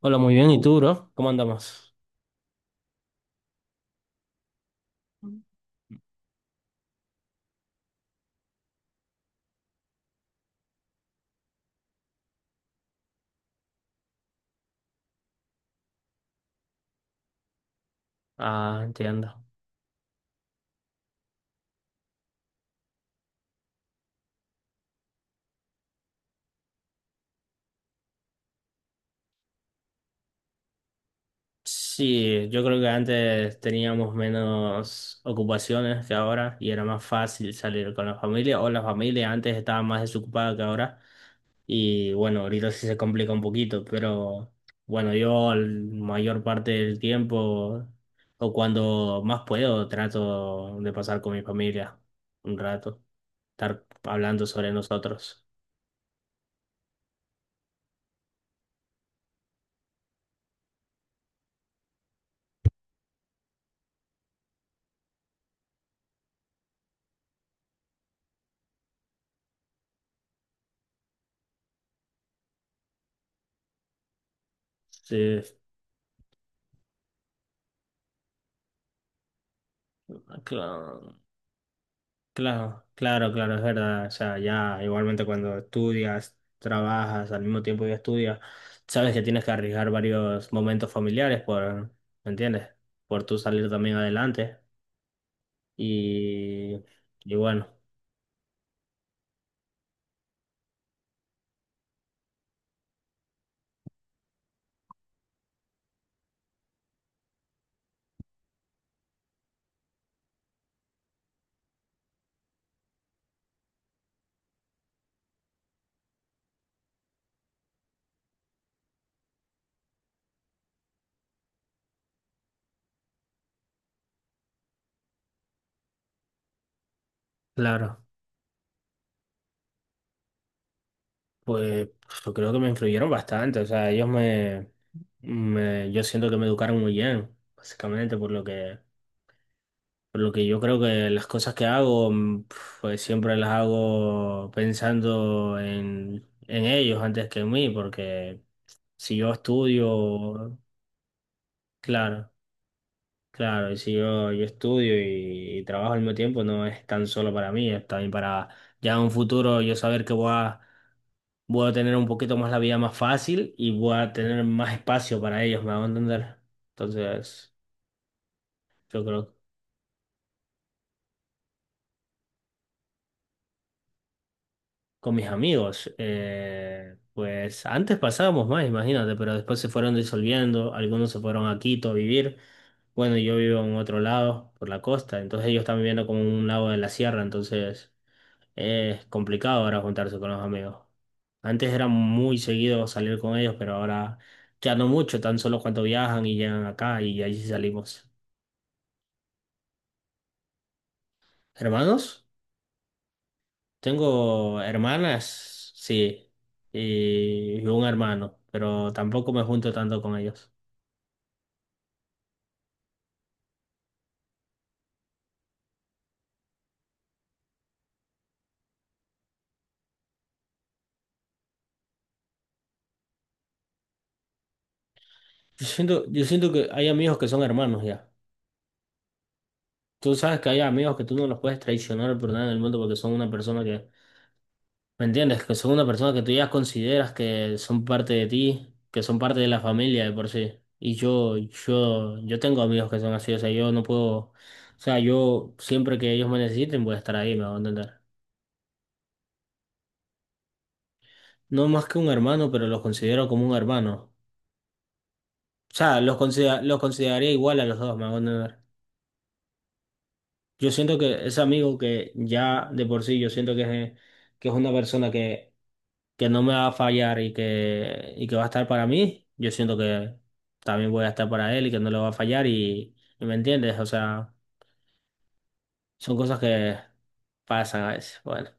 Hola, muy bien. ¿Y tú, bro? ¿Cómo andamos? Ah, entiendo. Sí, yo creo que antes teníamos menos ocupaciones que ahora y era más fácil salir con la familia o la familia antes estaba más desocupada que ahora y bueno, ahorita sí se complica un poquito, pero bueno, yo la mayor parte del tiempo o cuando más puedo trato de pasar con mi familia un rato, estar hablando sobre nosotros. Sí, claro. Claro, claro, claro, es verdad. O sea, ya igualmente cuando estudias, trabajas, al mismo tiempo que estudias, sabes que tienes que arriesgar varios momentos familiares por, ¿me entiendes? Por tú salir también adelante. Y, y bueno, claro, pues yo creo que me influyeron bastante. O sea, ellos yo siento que me educaron muy bien, básicamente por lo que yo creo que las cosas que hago, pues siempre las hago pensando en ellos antes que en mí, porque si yo estudio, claro, claro, y si yo estudio y trabajo al mismo tiempo, no es tan solo para mí, es también para ya en un futuro yo saber que voy a tener un poquito más la vida más fácil y voy a tener más espacio para ellos, me hago entender. Entonces, yo creo. Con mis amigos, pues antes pasábamos más, imagínate, pero después se fueron disolviendo, algunos se fueron a Quito a vivir. Bueno, yo vivo en otro lado, por la costa, entonces ellos están viviendo como en un lado de la sierra, entonces es complicado ahora juntarse con los amigos. Antes era muy seguido salir con ellos, pero ahora ya no mucho, tan solo cuando viajan y llegan acá y ahí sí salimos. ¿Hermanos? Tengo hermanas, sí, y un hermano, pero tampoco me junto tanto con ellos. Yo siento que hay amigos que son hermanos ya. Tú sabes que hay amigos que tú no los puedes traicionar por nada en el mundo porque son una persona que, ¿me entiendes? Que son una persona que tú ya consideras que son parte de ti, que son parte de la familia de por sí. Y yo tengo amigos que son así, o sea, yo no puedo, o sea, yo siempre que ellos me necesiten voy a estar ahí, me voy a entender. No más que un hermano, pero los considero como un hermano. O sea, los consideraría igual a los dos, me hago entender. Yo siento que ese amigo que ya de por sí yo siento que es una persona que no me va a fallar y que va a estar para mí, yo siento que también voy a estar para él y que no le va a fallar y me entiendes, o sea, son cosas que pasan a veces. Bueno,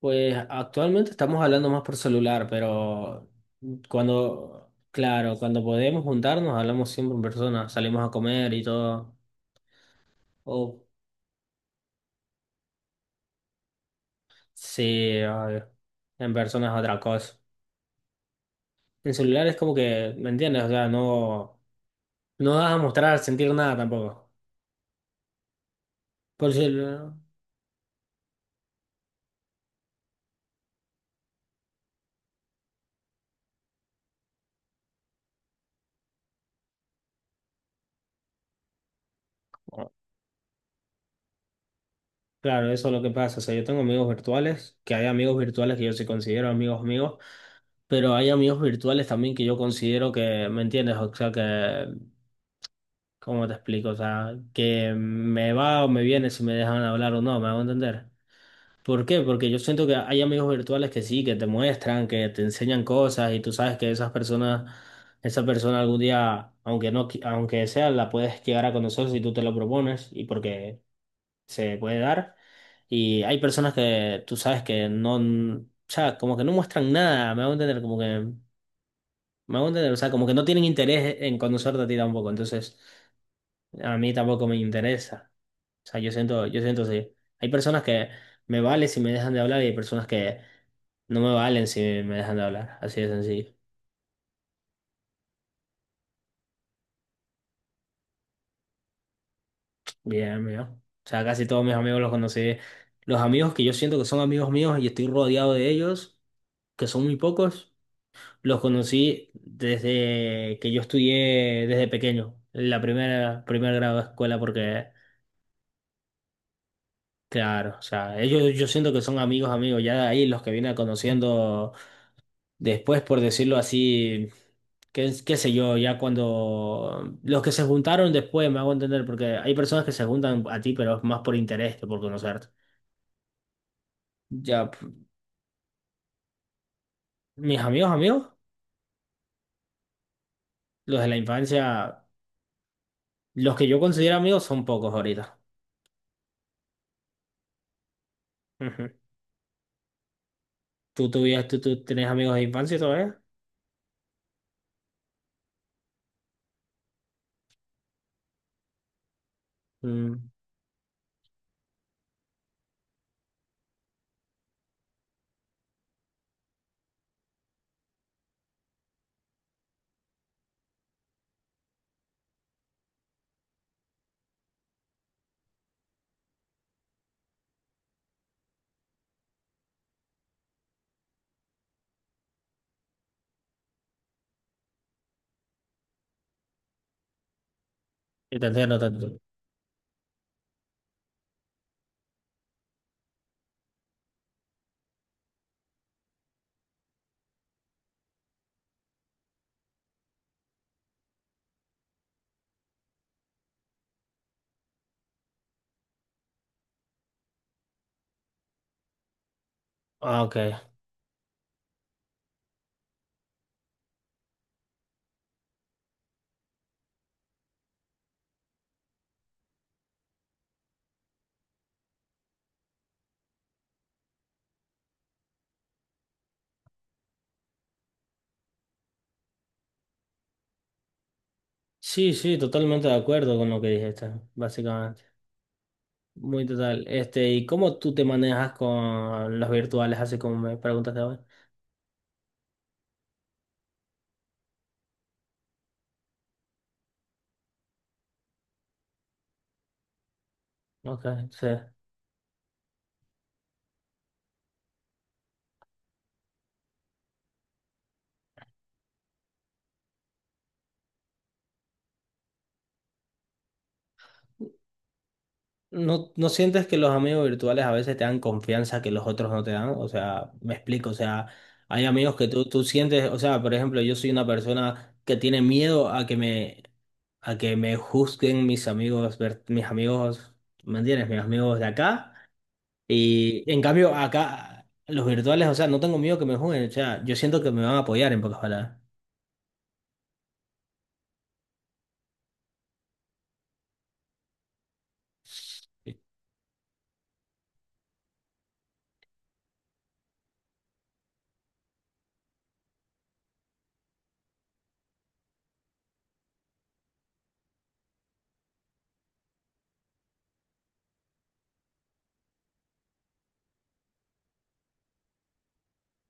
pues actualmente estamos hablando más por celular, pero cuando, claro, cuando podemos juntarnos hablamos siempre en persona, salimos a comer y todo. O Sí, obvio. En personas otra cosa. En celular es como que, ¿me entiendes? O sea, no, no vas a mostrar, sentir nada tampoco. Por celu- claro, eso es lo que pasa. O sea, yo tengo amigos virtuales, que hay amigos virtuales que yo sí considero amigos míos, pero hay amigos virtuales también que yo considero que, ¿me entiendes? O sea, que, ¿cómo te explico? O sea, que me va o me viene si me dejan hablar o no, ¿me hago entender? ¿Por qué? Porque yo siento que hay amigos virtuales que sí, que te muestran, que te enseñan cosas y tú sabes que esas personas, esa persona algún día, aunque no, aunque sea, la puedes llegar a conocer si tú te lo propones y porque se puede dar. Y hay personas que tú sabes que no, o sea, como que no muestran nada, me hago entender, como que, me hago entender, o sea, como que no tienen interés en conocerte a ti tampoco, entonces a mí tampoco me interesa. O sea, yo siento así. Hay personas que me valen si me dejan de hablar y hay personas que no me valen si me dejan de hablar. Así de sencillo. Bien, amigo. O sea, casi todos mis amigos los conocí. Los amigos que yo siento que son amigos míos y estoy rodeado de ellos, que son muy pocos, los conocí desde que yo estudié desde pequeño, en primer grado de escuela, porque, claro, o sea, ellos yo siento que son amigos, amigos. Ya de ahí los que vine conociendo. Después, por decirlo así, qué sé yo, ya cuando los que se juntaron después me hago entender, porque hay personas que se juntan a ti, pero es más por interés que por conocerte. Ya. Mis amigos, amigos, los de la infancia, los que yo considero amigos son pocos ahorita. Ujú. ¿Tú tuvías tú tenés amigos de infancia todavía? Mm, yo te entiendo, te entiendo. Ah, ok. Sí, sí, totalmente de acuerdo con lo que dijiste, básicamente. Muy total. Este, ¿y cómo tú te manejas con los virtuales, así como me preguntaste ahora? Ok, sí. ¿No, no sientes que los amigos virtuales a veces te dan confianza que los otros no te dan? O sea, me explico, o sea, hay amigos que tú sientes, o sea, por ejemplo, yo soy una persona que tiene miedo a que me juzguen mis amigos, mis amigos, ¿me entiendes? Mis amigos de acá. Y en cambio, acá, los virtuales, o sea, no tengo miedo que me juzguen, o sea, yo siento que me van a apoyar en pocas palabras.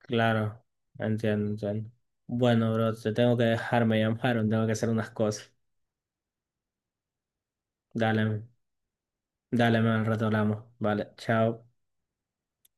Claro, entiendo, entiendo. Bueno, bro, te tengo que dejar, me llamaron, tengo que hacer unas cosas. Dale, dale, man, al rato hablamos. Vale, chao.